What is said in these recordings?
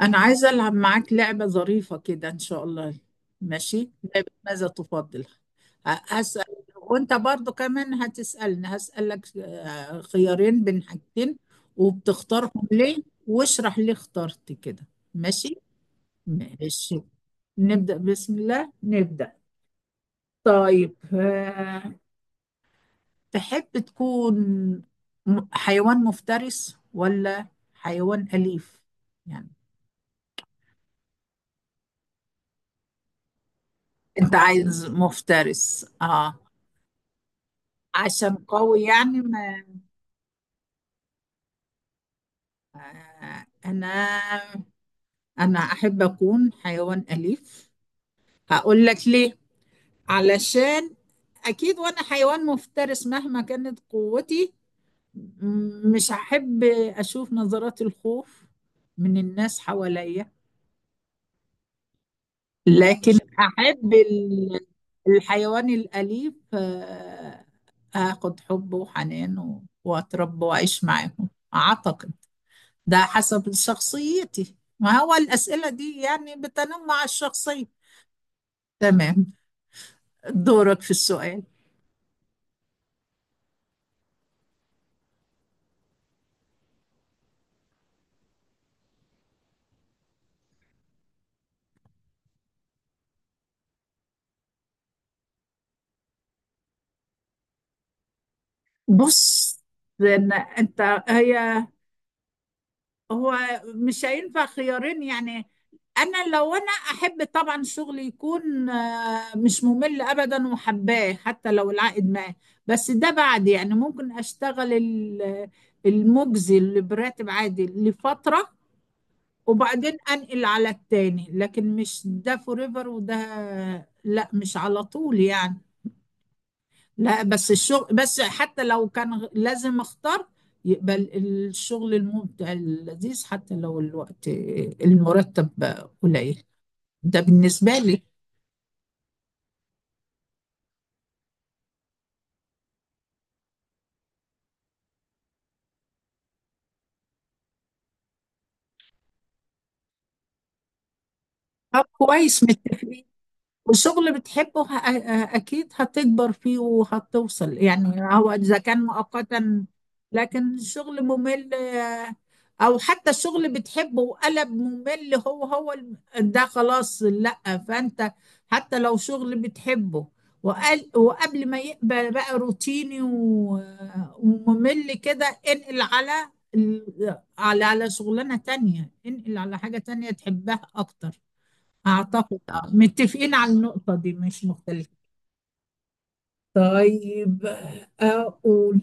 أنا عايزة ألعب معاك لعبة ظريفة كده إن شاء الله. ماشي، لعبة ماذا تفضل. هسأل، وأنت برضو كمان هتسألني. هسألك خيارين بين حاجتين، وبتختارهم ليه، واشرح ليه اخترت كده. ماشي ماشي. نبدأ بسم الله نبدأ. طيب تحب تكون حيوان مفترس ولا حيوان أليف يعني؟ أنت عايز مفترس عشان قوي يعني ما آه، انا انا احب اكون حيوان اليف. هقول لك ليه. علشان اكيد وانا حيوان مفترس مهما كانت قوتي، مش هحب اشوف نظرات الخوف من الناس حواليا. لكن احب الحيوان الاليف اخد حبه وحنانه واتربى واعيش معاهم. اعتقد ده حسب شخصيتي. ما هو الأسئلة دي يعني بتنمع الشخصية. تمام، دورك في السؤال. بص، لأن أنت هي هو مش هينفع خيارين يعني. أنا لو أنا أحب طبعا الشغل يكون مش ممل أبدا وحباه حتى لو العائد معاه. بس ده بعد يعني ممكن أشتغل المجزي اللي براتب عادي لفترة وبعدين انقل على التاني، لكن مش ده فوريفر وده. لا مش على طول يعني. لا بس الشغل بس، حتى لو كان لازم اختار يبقى الشغل الممتع اللذيذ حتى لو الوقت، المرتب قليل. ده بالنسبة لي. طب كويس متفقين. والشغل بتحبه اكيد هتكبر فيه وهتوصل يعني، هو اذا كان مؤقتا. لكن الشغل ممل او حتى الشغل بتحبه وقلب ممل هو ده خلاص لا. فانت حتى لو شغل بتحبه وقال وقبل ما يبقى بقى روتيني وممل كده، انقل على على شغلانة تانية، انقل على حاجة تانية تحبها اكتر. أعتقد متفقين على النقطة دي مش مختلفين. طيب أقول.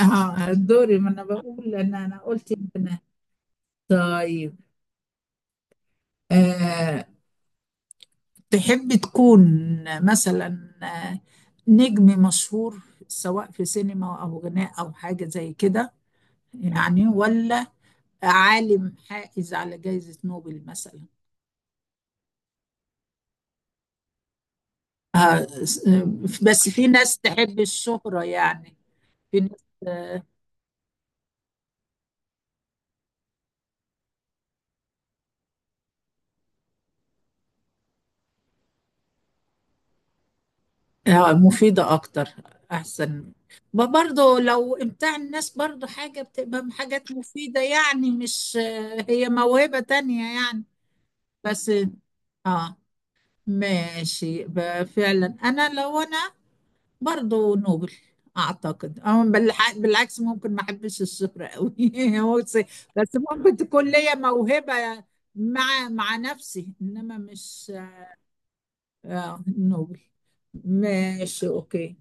دوري، ما أنا بقول أنا قلت أنا. طيب آه تحب تكون مثلا آه، نجم مشهور سواء في سينما أو غناء أو حاجة زي كده يعني، ولا عالم حائز على جائزة نوبل مثلا؟ آه بس في ناس تحب الشهرة يعني. في ناس آه، مفيدة أكتر أحسن. برضو لو إمتاع الناس برضو حاجة بتبقى حاجات مفيدة، يعني مش هي موهبة تانية يعني. بس آه ماشي، فعلا أنا لو أنا برضو نوبل أعتقد، أو بالعكس ممكن ما أحبش الشهرة أوي بس. بس ممكن تكون ليا موهبة مع نفسي إنما مش نوبل. ماشي أوكي،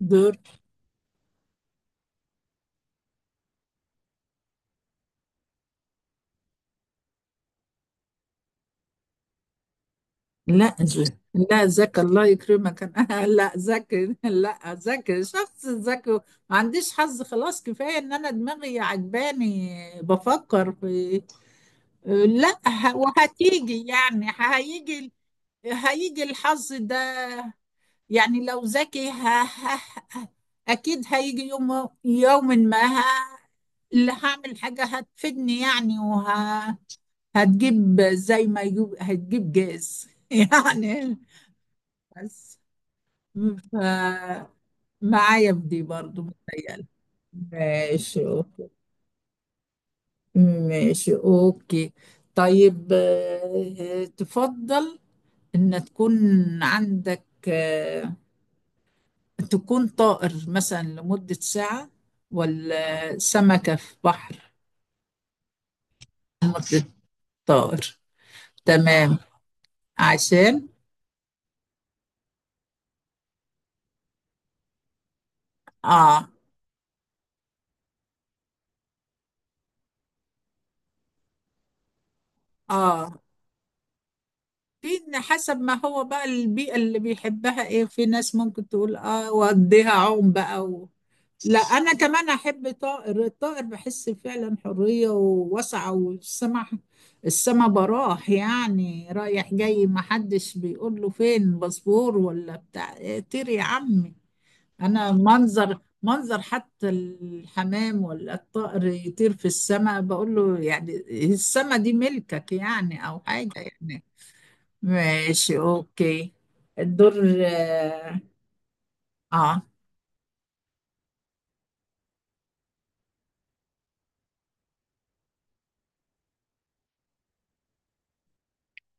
دور. لا لا ذكي الله يكرمك انا لا ذكي لا ذكي شخص ذكي. ما عنديش حظ خلاص، كفايه ان انا دماغي عجباني. بفكر في، لا وهتيجي يعني. هيجي هيجي الحظ ده. يعني لو ذكي اكيد هيجي يوم، يوم ما اللي هعمل حاجه هتفيدني يعني هتجيب زي ما يجيب، هتجيب جاز يعني. بس ف- معايا في دي برضو متهيألي. ماشي اوكي ماشي اوكي. طيب تفضل ان تكون عندك تكون طائر مثلا لمدة ساعة، ولا سمكة في بحر لمدة طائر؟ تمام عشان اه اه في إن حسب ما هو بقى البيئة اللي بيحبها ايه. في ناس ممكن تقول اه واديها عوم بقى لا انا كمان احب طائر. الطائر بحس فعلا حرية ووسعة والسما، السما براح يعني، رايح جاي ما حدش بيقول له فين باسبور ولا بتاع إيه، طير يا عمي. انا منظر حتى الحمام ولا الطائر يطير في السما بقول له يعني السما دي ملكك يعني، او حاجة يعني. ماشي اوكي، الدور. اه آه.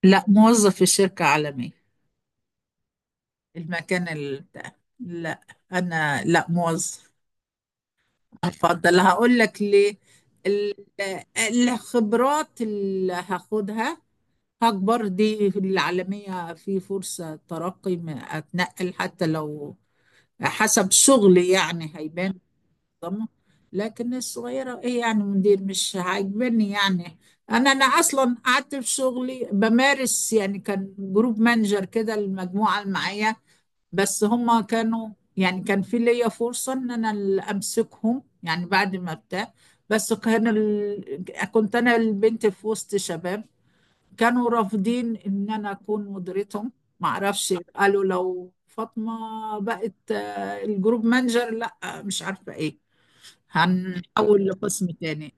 لا موظف في شركة عالمية. المكان بتاع لا انا لا موظف، افضل هقول لك ليه. ال- الخبرات اللي هاخدها هكبر دي العالمية، في فرصة ترقي، ما اتنقل حتى لو حسب شغلي يعني هيبان منظمة. لكن الصغيرة ايه يعني مدير مش عاجبني يعني. انا اصلا قعدت في شغلي بمارس يعني، كان جروب مانجر كده المجموعة اللي معايا، بس هما كانوا يعني كان في ليا فرصة ان انا اللي امسكهم يعني، بعد ما بتاع. بس كان كنت انا البنت في وسط شباب كانوا رافضين ان انا اكون مديرتهم. معرفش قالوا لو فاطمة بقت الجروب مانجر لا مش عارفة ايه، هنحول لقسم تاني.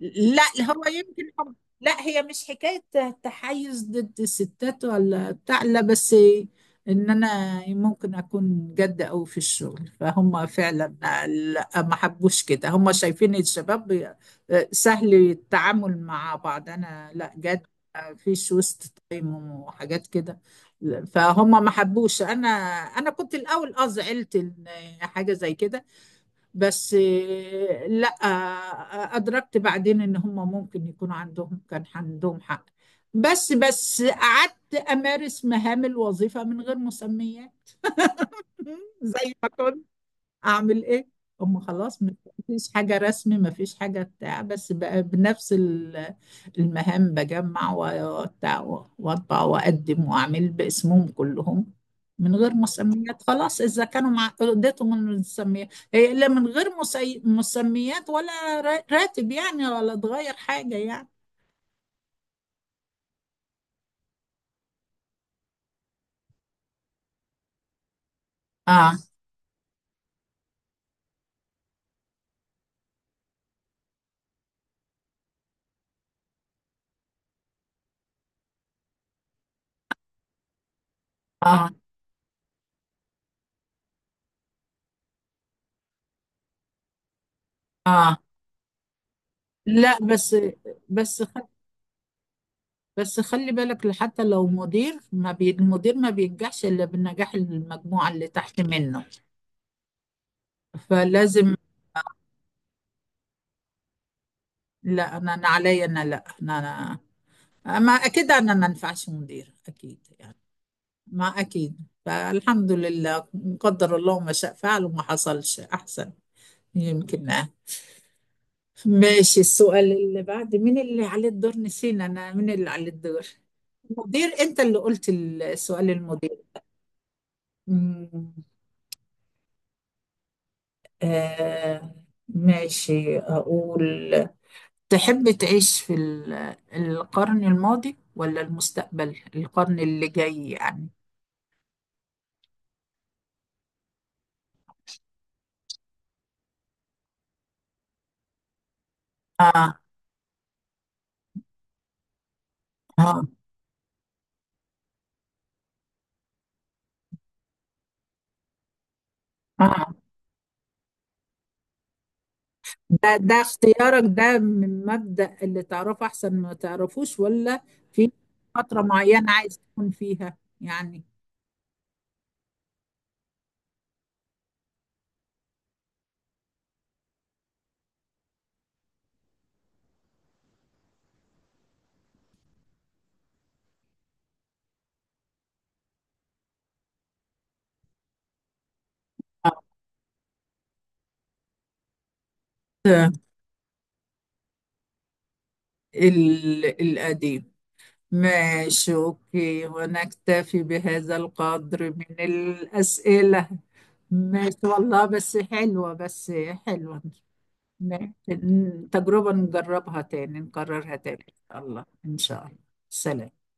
لا هو يمكن هم لا هي مش حكاية تحيز ضد الستات ولا بتاع لا، بس ان انا ممكن اكون جد قوي في الشغل فهم فعلا لا ما حبوش كده، هم شايفين الشباب سهل التعامل مع بعض، انا لا جد، مفيش وسط تايم وحاجات كده، فهم ما حبوش. انا كنت الاول اه زعلت ان حاجة زي كده. بس لا أدركت بعدين إن هم ممكن يكون عندهم، كان عندهم حق. بس قعدت أمارس مهام الوظيفة من غير مسميات زي ما كنت اعمل ايه. هم خلاص، مفيش حاجة رسمي، مفيش حاجة بتاع، بس بقى بنفس المهام، بجمع وبتاع واطبع واقدم واعمل باسمهم كلهم من غير مسميات خلاص. اذا كانوا مع اديتهم من المسميات هي الا من غير مسميات ولا راتب يعني، ولا تغير حاجة يعني. اه اه اه لا بس بس خلي بالك حتى لو مدير ما بي... المدير ما بينجحش إلا بالنجاح المجموعة اللي تحت منه فلازم. لا أنا عليا أنا، لا أنا ما أكيد أنا ما ينفعش مدير أكيد يعني، ما أكيد. فالحمد لله، قدر الله ما شاء فعل وما حصلش أحسن يمكن ماشي، السؤال اللي بعد، مين اللي عليه الدور نسينا، أنا مين اللي عليه الدور؟ مدير أنت اللي قلت السؤال المدير. مم. آه ماشي أقول. تحب تعيش في القرن الماضي ولا المستقبل القرن اللي جاي يعني؟ آه آه آه ده اختيارك ده من مبدأ اللي تعرفه أحسن ما تعرفوش، ولا في فترة معينة عايز تكون فيها يعني؟ آه القديم. ماشي أوكي، ونكتفي بهذا القدر من الأسئلة. ماشي والله، بس حلوة، بس حلوة. ماشي. تجربة نجربها تاني، نكررها تاني إن شاء الله إن شاء الله. سلام.